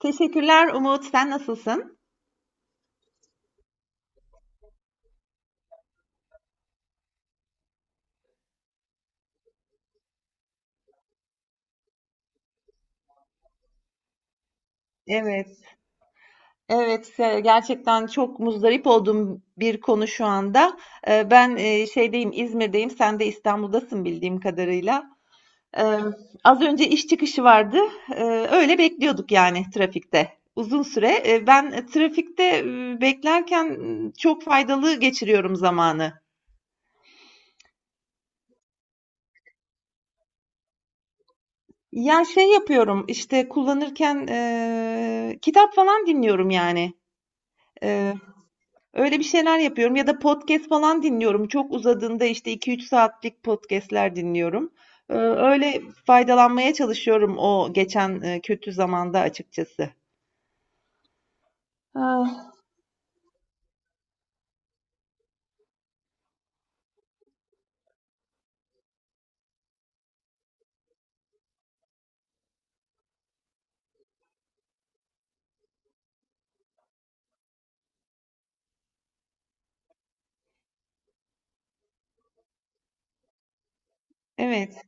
Teşekkürler Umut. Sen nasılsın? Evet. Evet, gerçekten çok muzdarip olduğum bir konu şu anda. Ben şeydeyim, İzmir'deyim. Sen de İstanbul'dasın bildiğim kadarıyla. Emm, az önce iş çıkışı vardı. Öyle bekliyorduk yani trafikte. Uzun süre. Ben trafikte, beklerken, çok faydalı geçiriyorum zamanı. Ya, şey yapıyorum, işte, kullanırken, kitap falan dinliyorum yani. Eee, öyle bir şeyler yapıyorum ya da podcast falan dinliyorum. Çok uzadığında, işte, 2-3 saatlik podcast'ler dinliyorum. Öyle faydalanmaya çalışıyorum o geçen, kötü zamanda açıkçası. Ah, evet,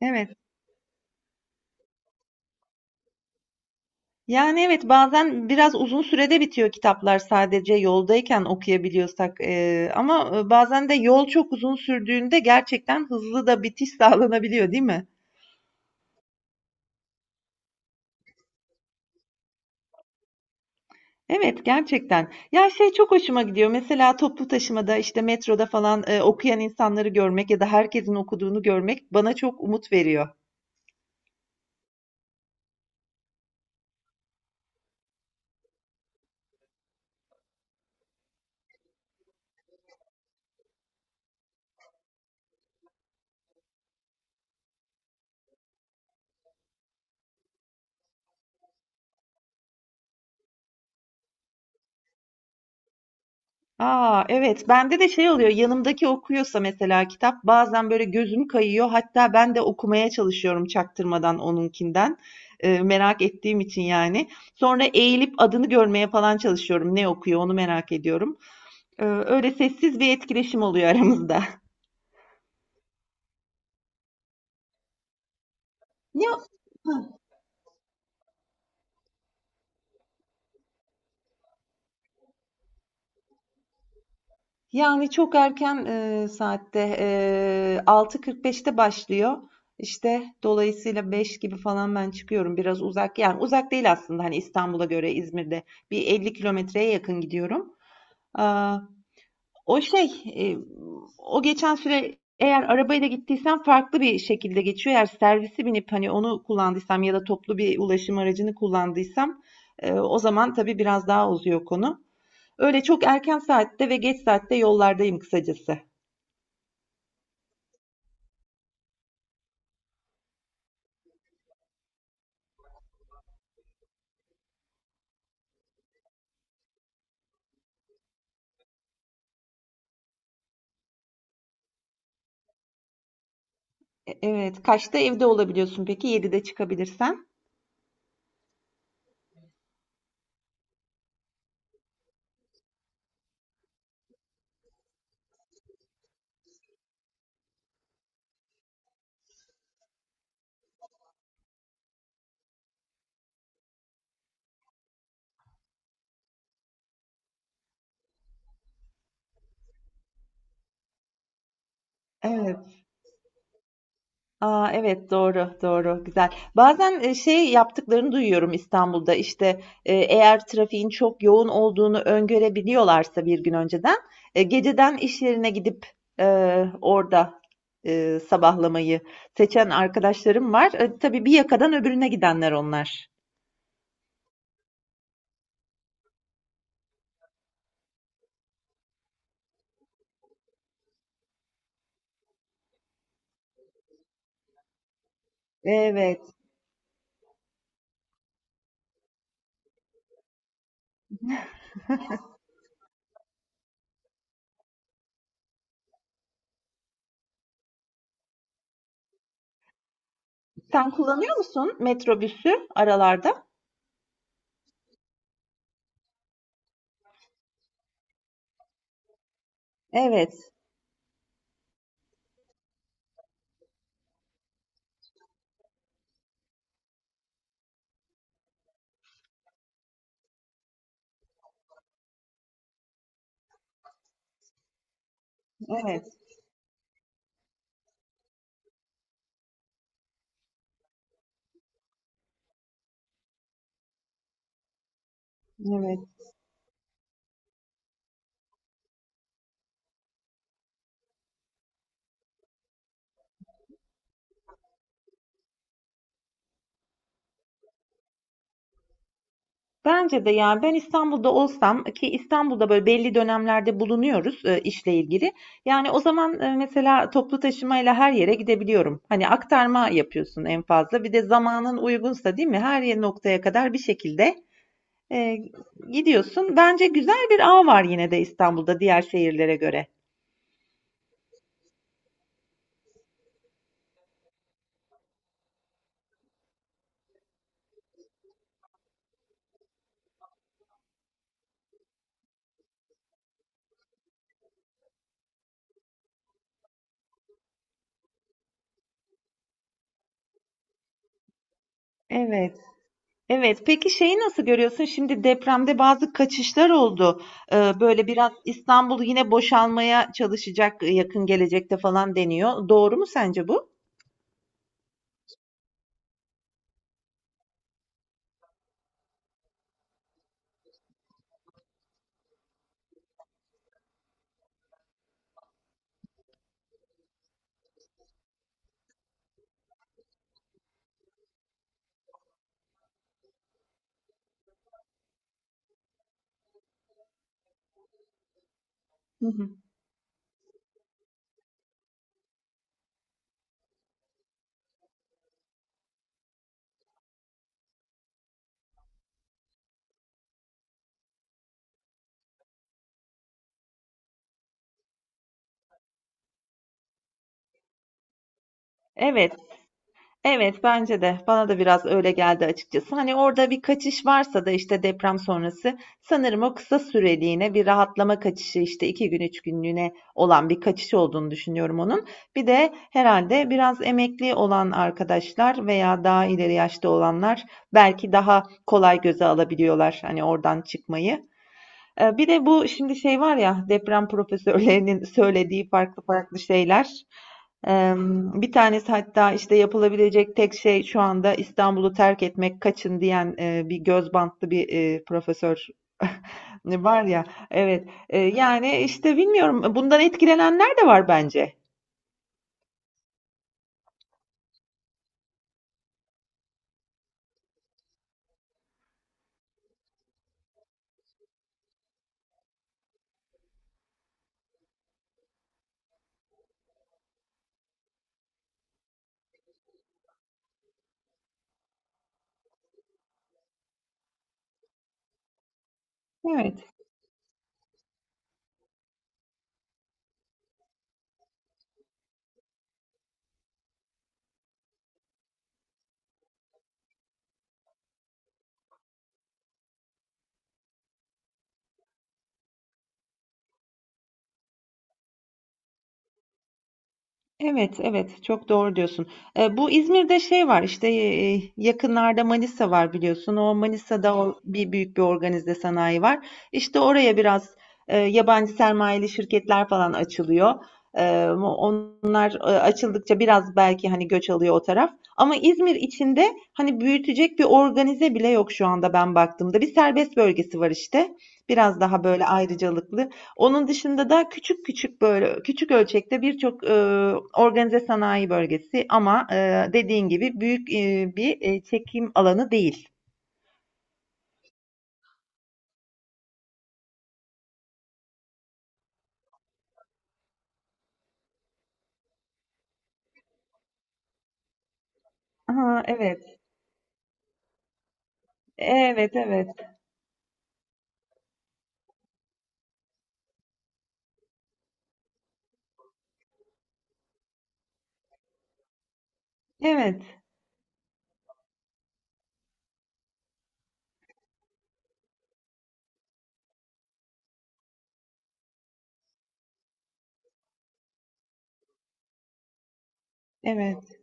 evet. Yani evet bazen biraz uzun sürede bitiyor kitaplar sadece yoldayken okuyabiliyorsak ama bazen de yol çok uzun sürdüğünde gerçekten hızlı da bitiş sağlanabiliyor değil mi? Evet gerçekten. Ya şey çok hoşuma gidiyor. Mesela toplu taşımada işte metroda falan okuyan insanları görmek ya da herkesin okuduğunu görmek bana çok umut veriyor. Aa, evet. Bende de şey oluyor. Yanımdaki okuyorsa mesela kitap bazen böyle gözüm kayıyor. Hatta ben de okumaya çalışıyorum çaktırmadan onunkinden. Merak ettiğim için yani. Sonra eğilip adını görmeye falan çalışıyorum. Ne okuyor onu merak ediyorum. Öyle sessiz bir etkileşim oluyor aramızda. Ne? Yani çok erken, saatte, 6:45'te başlıyor. İşte, dolayısıyla 5 gibi falan ben çıkıyorum. Biraz uzak, yani uzak değil aslında, hani, İstanbul'a göre İzmir'de bir 50 kilometreye yakın gidiyorum. Aaa, o şey, o geçen süre eğer arabayla gittiysem farklı bir şekilde geçiyor. Eğer servisi binip, hani, onu kullandıysam ya da toplu bir ulaşım aracını kullandıysam, o zaman tabii biraz daha uzuyor konu. Öyle çok erken saatte ve geç saatte yollardayım kısacası. Evet, kaçta evde olabiliyorsun peki? 7'de çıkabilirsen? Evet. Aa, evet doğru doğru güzel. Bazen şey yaptıklarını duyuyorum İstanbul'da işte eğer trafiğin çok yoğun olduğunu öngörebiliyorlarsa bir gün önceden geceden iş yerine gidip e, orada sabahlamayı seçen arkadaşlarım var. Tabii bir yakadan öbürüne gidenler onlar. Evet. Sen kullanıyor musun metrobüsü aralarda? Evet, evet, evet. Bence de yani ben İstanbul'da olsam ki İstanbul'da böyle belli dönemlerde bulunuyoruz işle ilgili. Yani o zaman mesela toplu taşımayla her yere gidebiliyorum. Hani aktarma yapıyorsun en fazla. Bir de zamanın uygunsa değil mi? Noktaya kadar bir şekilde e, gidiyorsun. Bence güzel bir ağ var yine de İstanbul'da diğer şehirlere göre. Evet. Evet, peki şeyi nasıl görüyorsun? Şimdi depremde bazı kaçışlar oldu. Böyle biraz İstanbul yine boşalmaya çalışacak yakın gelecekte falan deniyor. Doğru mu sence bu? Hı hı. Evet. Evet, bence de. Bana da biraz öyle geldi açıkçası. Hani orada bir kaçış varsa da işte deprem sonrası sanırım o kısa süreliğine bir rahatlama kaçışı işte 2 gün 3 günlüğüne olan bir kaçış olduğunu düşünüyorum onun. Bir de herhalde biraz emekli olan arkadaşlar veya daha ileri yaşta olanlar belki daha kolay göze alabiliyorlar hani oradan çıkmayı. Bir de bu şimdi şey var ya deprem profesörlerinin söylediği farklı farklı şeyler. Ee, Bir tanesi hatta işte yapılabilecek tek şey şu anda İstanbul'u terk etmek kaçın diyen bir göz bantlı bir profesör var ya. Evet. Yani işte bilmiyorum bundan etkilenenler de var bence. Evet. Evet, evet. Çok doğru diyorsun. Bu İzmir'de şey var işte yakınlarda Manisa var biliyorsun. O Manisa'da o bir büyük bir organize sanayi var. İşte oraya biraz yabancı sermayeli şirketler falan açılıyor. Onlar açıldıkça biraz belki hani göç alıyor o taraf. Ama İzmir içinde hani büyütecek bir organize bile yok şu anda ben baktığımda. Bir serbest bölgesi var işte. Biraz daha böyle ayrıcalıklı. Onun dışında da küçük küçük böyle küçük ölçekte birçok organize sanayi bölgesi ama dediğin gibi büyük bir çekim alanı değil. Aha, evet. Evet, evet. Evet, evet.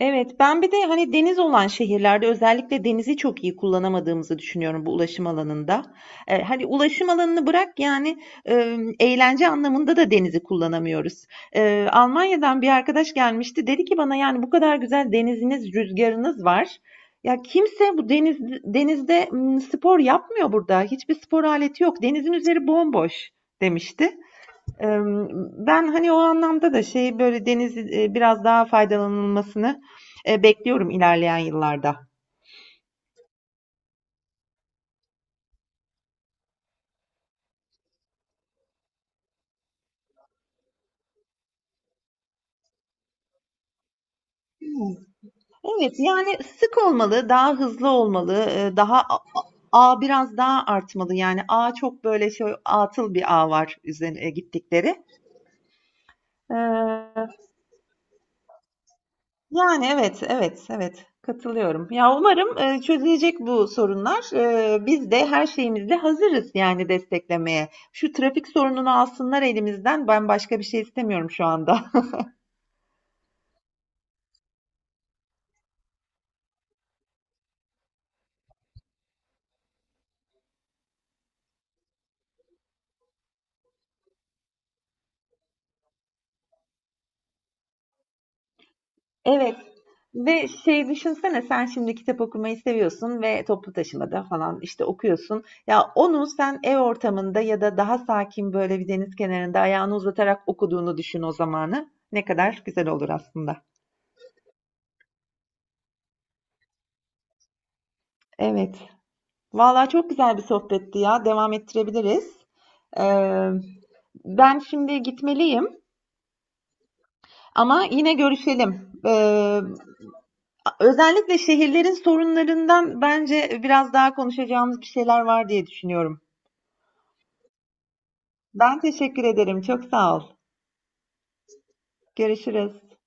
Evet, ben bir de hani deniz olan şehirlerde özellikle denizi çok iyi kullanamadığımızı düşünüyorum bu ulaşım alanında. Hani ulaşım alanını bırak yani eğlence anlamında da denizi kullanamıyoruz. Almanya'dan bir arkadaş gelmişti dedi ki bana yani bu kadar güzel deniziniz, rüzgarınız var. Ya kimse bu denizde spor yapmıyor burada. Hiçbir spor aleti yok. Denizin üzeri bomboş demişti ben, hani, o anlamda da şeyi, böyle, deniz biraz daha faydalanılmasını, bekliyorum ilerleyen yıllarda. Evet, yani, sık olmalı, daha hızlı olmalı, daha ağ biraz daha artmalı. Yani, ağa çok, böyle, şey atıl bir ağ var üzerine gittikleri. Eee Yani, evet, evet, evet. Katılıyorum. Ya, umarım, çözülecek bu sorunlar. Biz de her şeyimizle hazırız yani desteklemeye. Şu trafik sorununu alsınlar elimizden. Ben başka bir şey istemiyorum şu anda. Evet ve şey düşünsene sen şimdi kitap okumayı seviyorsun ve toplu taşımada falan, işte, okuyorsun. Ya, onu sen ev ortamında ya da daha sakin, böyle, bir deniz kenarında ayağını uzatarak okuduğunu düşün o zamanı. Ne kadar güzel olur aslında. Evet. Vallahi çok güzel bir sohbetti ya. Devam ettirebiliriz. Ee, ben şimdi gitmeliyim ama yine görüşelim. Özellikle şehirlerin sorunlarından bence biraz daha konuşacağımız bir şeyler var diye düşünüyorum. Ben teşekkür ederim. Çok sağ ol. Görüşürüz.